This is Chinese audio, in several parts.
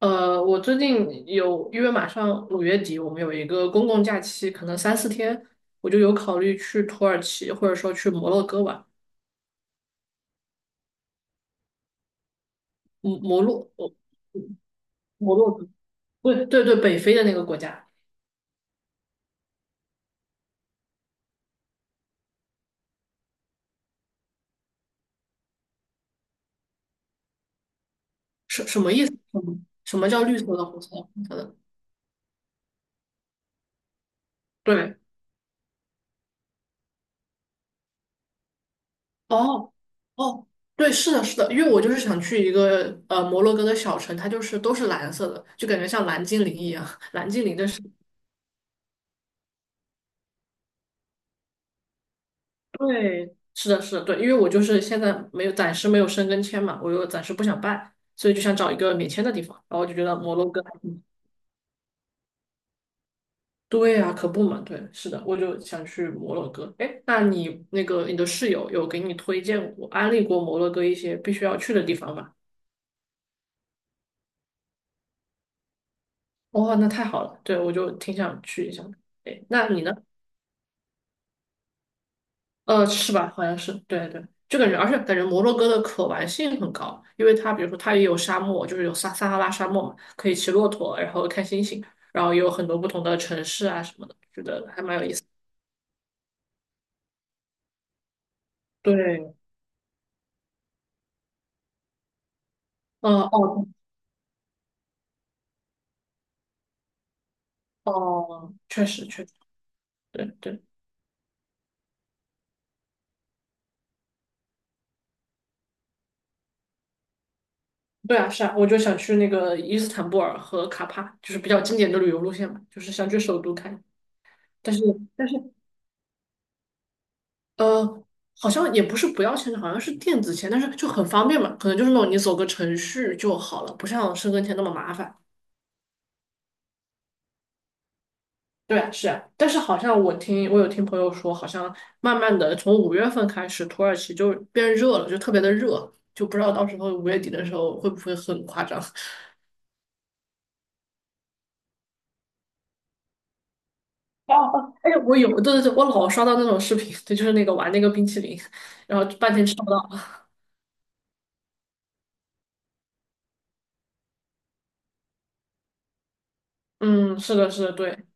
我最近有，因为马上五月底，我们有一个公共假期，可能三四天，我就有考虑去土耳其，或者说去摩洛哥玩。摩摩洛，哦。嗯。摩洛哥，对对对，北非的那个国家。什么意思？什么叫绿色的红色的红色的？对，哦哦，对，是的，是的，因为我就是想去一个摩洛哥的小城，它就是都是蓝色的，就感觉像蓝精灵一样，蓝精灵的世。对，是的，是的，对，因为我就是现在没有，暂时没有申根签嘛，我又暂时不想办，所以就想找一个免签的地方，然后我就觉得摩洛哥还挺。对呀，可不嘛，对，是的，我就想去摩洛哥。哎，那你那个你的室友有给你推荐过、安利过摩洛哥一些必须要去的地方吗？哦，那太好了，对，我就挺想去一下的。哎，那你呢？是吧？好像是，对对，就感觉，而且感觉摩洛哥的可玩性很高，因为它比如说它也有沙漠，就是有撒哈拉沙漠嘛，可以骑骆驼，然后看星星，然后也有很多不同的城市啊什么的，觉得还蛮有意思。对，嗯，哦哦，确实确实，对对对啊，是啊，我就想去那个伊斯坦布尔和卡帕，就是比较经典的旅游路线嘛，就是想去首都看，但是但是。呃，好像也不是不要钱的，好像是电子签，但是就很方便嘛，可能就是那种你走个程序就好了，不像申根签那么麻烦。对啊，是啊，但是好像我有听朋友说，好像慢慢的从五月份开始，土耳其就变热了，就特别的热，就不知道到时候五月底的时候会不会很夸张。哦哦，哎，我有，对对对，我老刷到那种视频，对，就是那个玩那个冰淇淋，然后半天吃不到。嗯，是的，是的，对，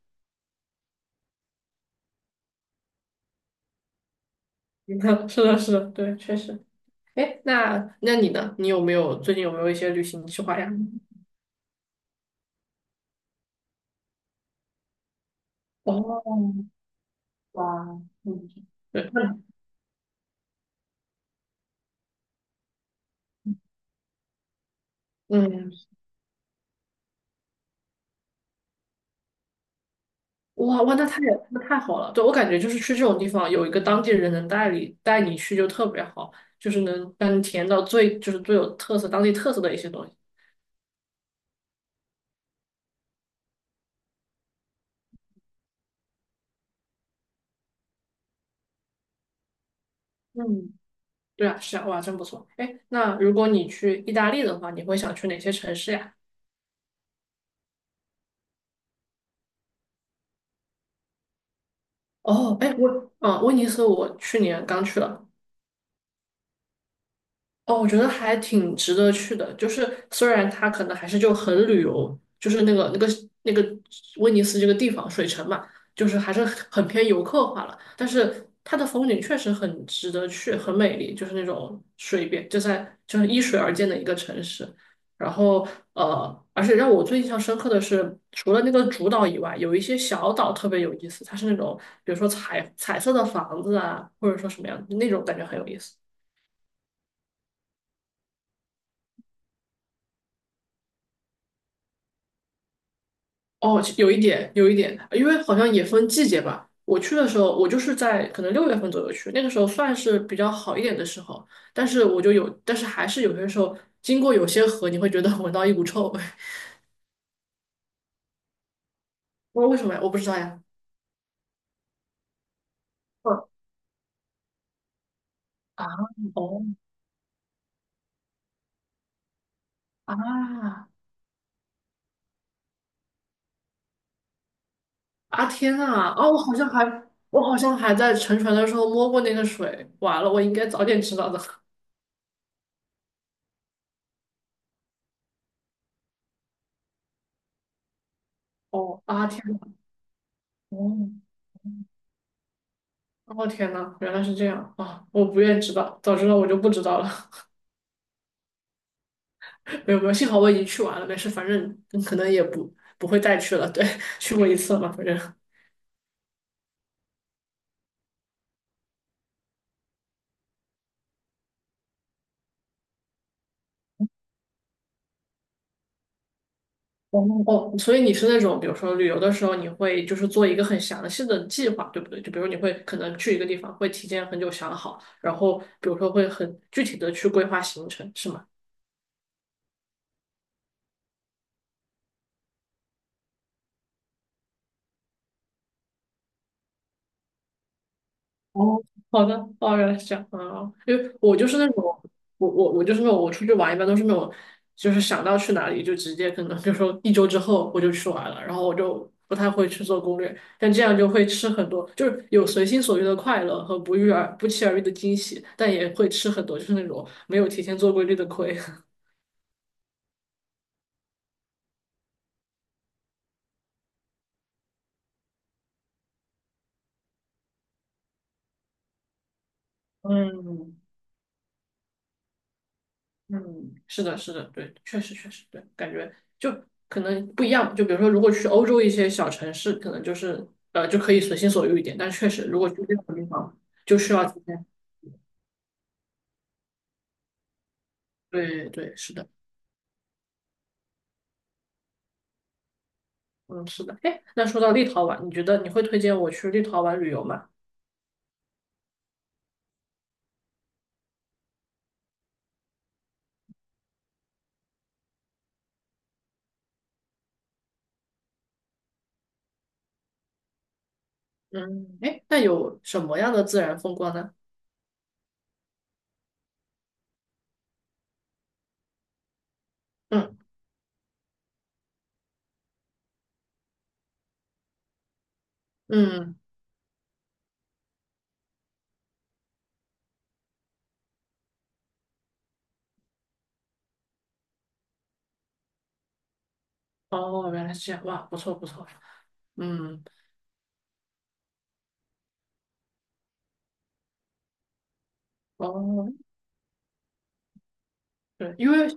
是的，是的，对，确实。哎，那你呢？你最近有没有一些旅行计划呀？哦，哇，嗯，对，那。嗯，哇哇，那太好了。对，我感觉就是去这种地方，有一个当地人能带你去就特别好，就是能让你体验到最就是最有特色当地特色的一些东西。嗯，对啊，是啊，哇，真不错。哎，那如果你去意大利的话，你会想去哪些城市呀？哦，哎，威尼斯我去年刚去了。哦，我觉得还挺值得去的。就是虽然它可能还是就很旅游，就是那个威尼斯这个地方水城嘛，就是还是很偏游客化了。但是它的风景确实很值得去，很美丽，就是那种水边，就是依水而建的一个城市。然后而且让我最印象深刻的是，除了那个主岛以外，有一些小岛特别有意思，它是那种比如说彩色的房子啊，或者说什么样那种感觉很有意思。哦，有一点，有一点，因为好像也分季节吧。我去的时候，我就是在可能六月份左右去，那个时候算是比较好一点的时候。但是我就有，但是还是有些时候经过有些河，你会觉得闻到一股臭味。我说为什么呀？我不知道呀。嗯啊，哦啊啊！天呐，啊，我好像还在沉船的时候摸过那个水，完了，我应该早点知道的。哦啊天呐，哦哦天呐，原来是这样啊！我不愿知道，早知道我就不知道了。没有没有，幸好我已经去完了，没事，反正可能也不会再去了。对，去过一次了嘛，反正。哦哦，所以你是那种，比如说旅游的时候，你会就是做一个很详细的计划，对不对？就比如你会可能去一个地方，会提前很久想好，然后比如说会很具体的去规划行程，是吗？哦，好的，哦，原来是这样啊，因为我就是那种，我就是那种，我出去玩一般都是那种，就是想到去哪里就直接可能就说一周之后我就去玩了，然后我就不太会去做攻略，但这样就会吃很多，就是有随心所欲的快乐和不期而遇的惊喜，但也会吃很多就是那种没有提前做规律的亏。嗯，嗯，是的，是的，对，确实确实对，感觉就可能不一样。就比如说，如果去欧洲一些小城市，可能就是就可以随心所欲一点，但确实如果去这种地方，就需要提前。对对，是的，嗯，是的。哎，那说到立陶宛，你觉得你会推荐我去立陶宛旅游吗？嗯，哎，那有什么样的自然风光呢？嗯嗯，哦，原来是这样，哇，不错不错。嗯，哦，对，因为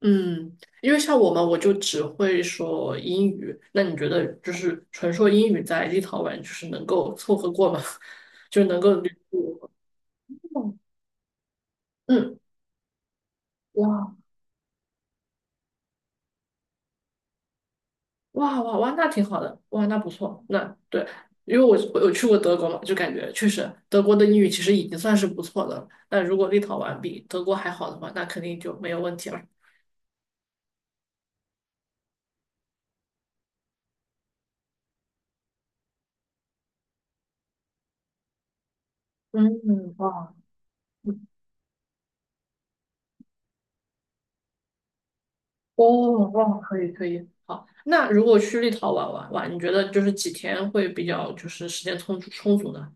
嗯，因为像我们，我就只会说英语。那你觉得，就是纯说英语在立陶宛，就是能够凑合过吗？就能够捋住？嗯，哇哇哇哇，那挺好的，哇，那不错，那对，因为我有去过德国嘛，就感觉确实德国的英语其实已经算是不错的了。那如果立陶宛比德国还好的话，那肯定就没有问题了。嗯，哇。哦，哇，可以可以，好。那如果去立陶宛玩玩，你觉得就是几天会比较就是时间充足呢？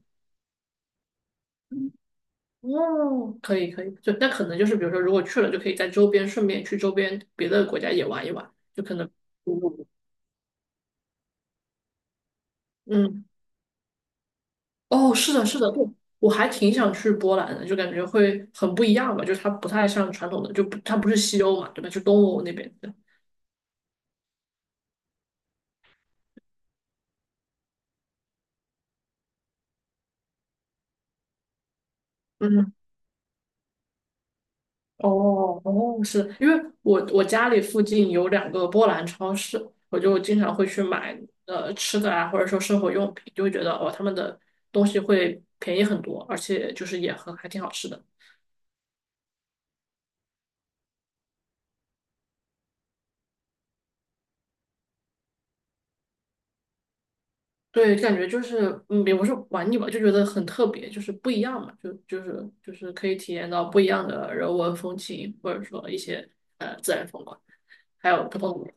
哦，可以可以，就那可能就是比如说，如果去了，就可以在周边顺便去周边别的国家也玩一玩，就可能。嗯，哦，是的，是的，对，我还挺想去波兰的，就感觉会很不一样吧，就是它不太像传统的，就不它不是西欧嘛，对吧？就东欧那边的。嗯，哦哦，是因为我家里附近有两个波兰超市，我就经常会去买吃的啊，或者说生活用品，就会觉得哦他们的东西会便宜很多，而且就是也很还挺好吃的。对，感觉就是也不是玩腻吧，就觉得很特别，就是不一样嘛，就是可以体验到不一样的人文风情，或者说一些自然风光，还有不同的。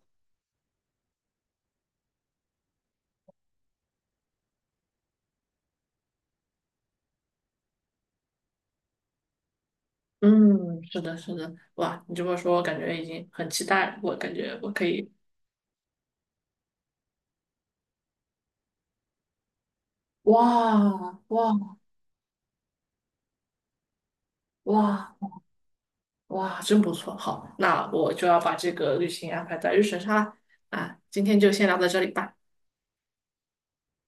嗯，是的，是的，哇，你这么说，我感觉已经很期待了，我感觉我可以。哇哇哇哇，真不错！好，那我就要把这个旅行安排在日程上了。啊，今天就先聊到这里吧。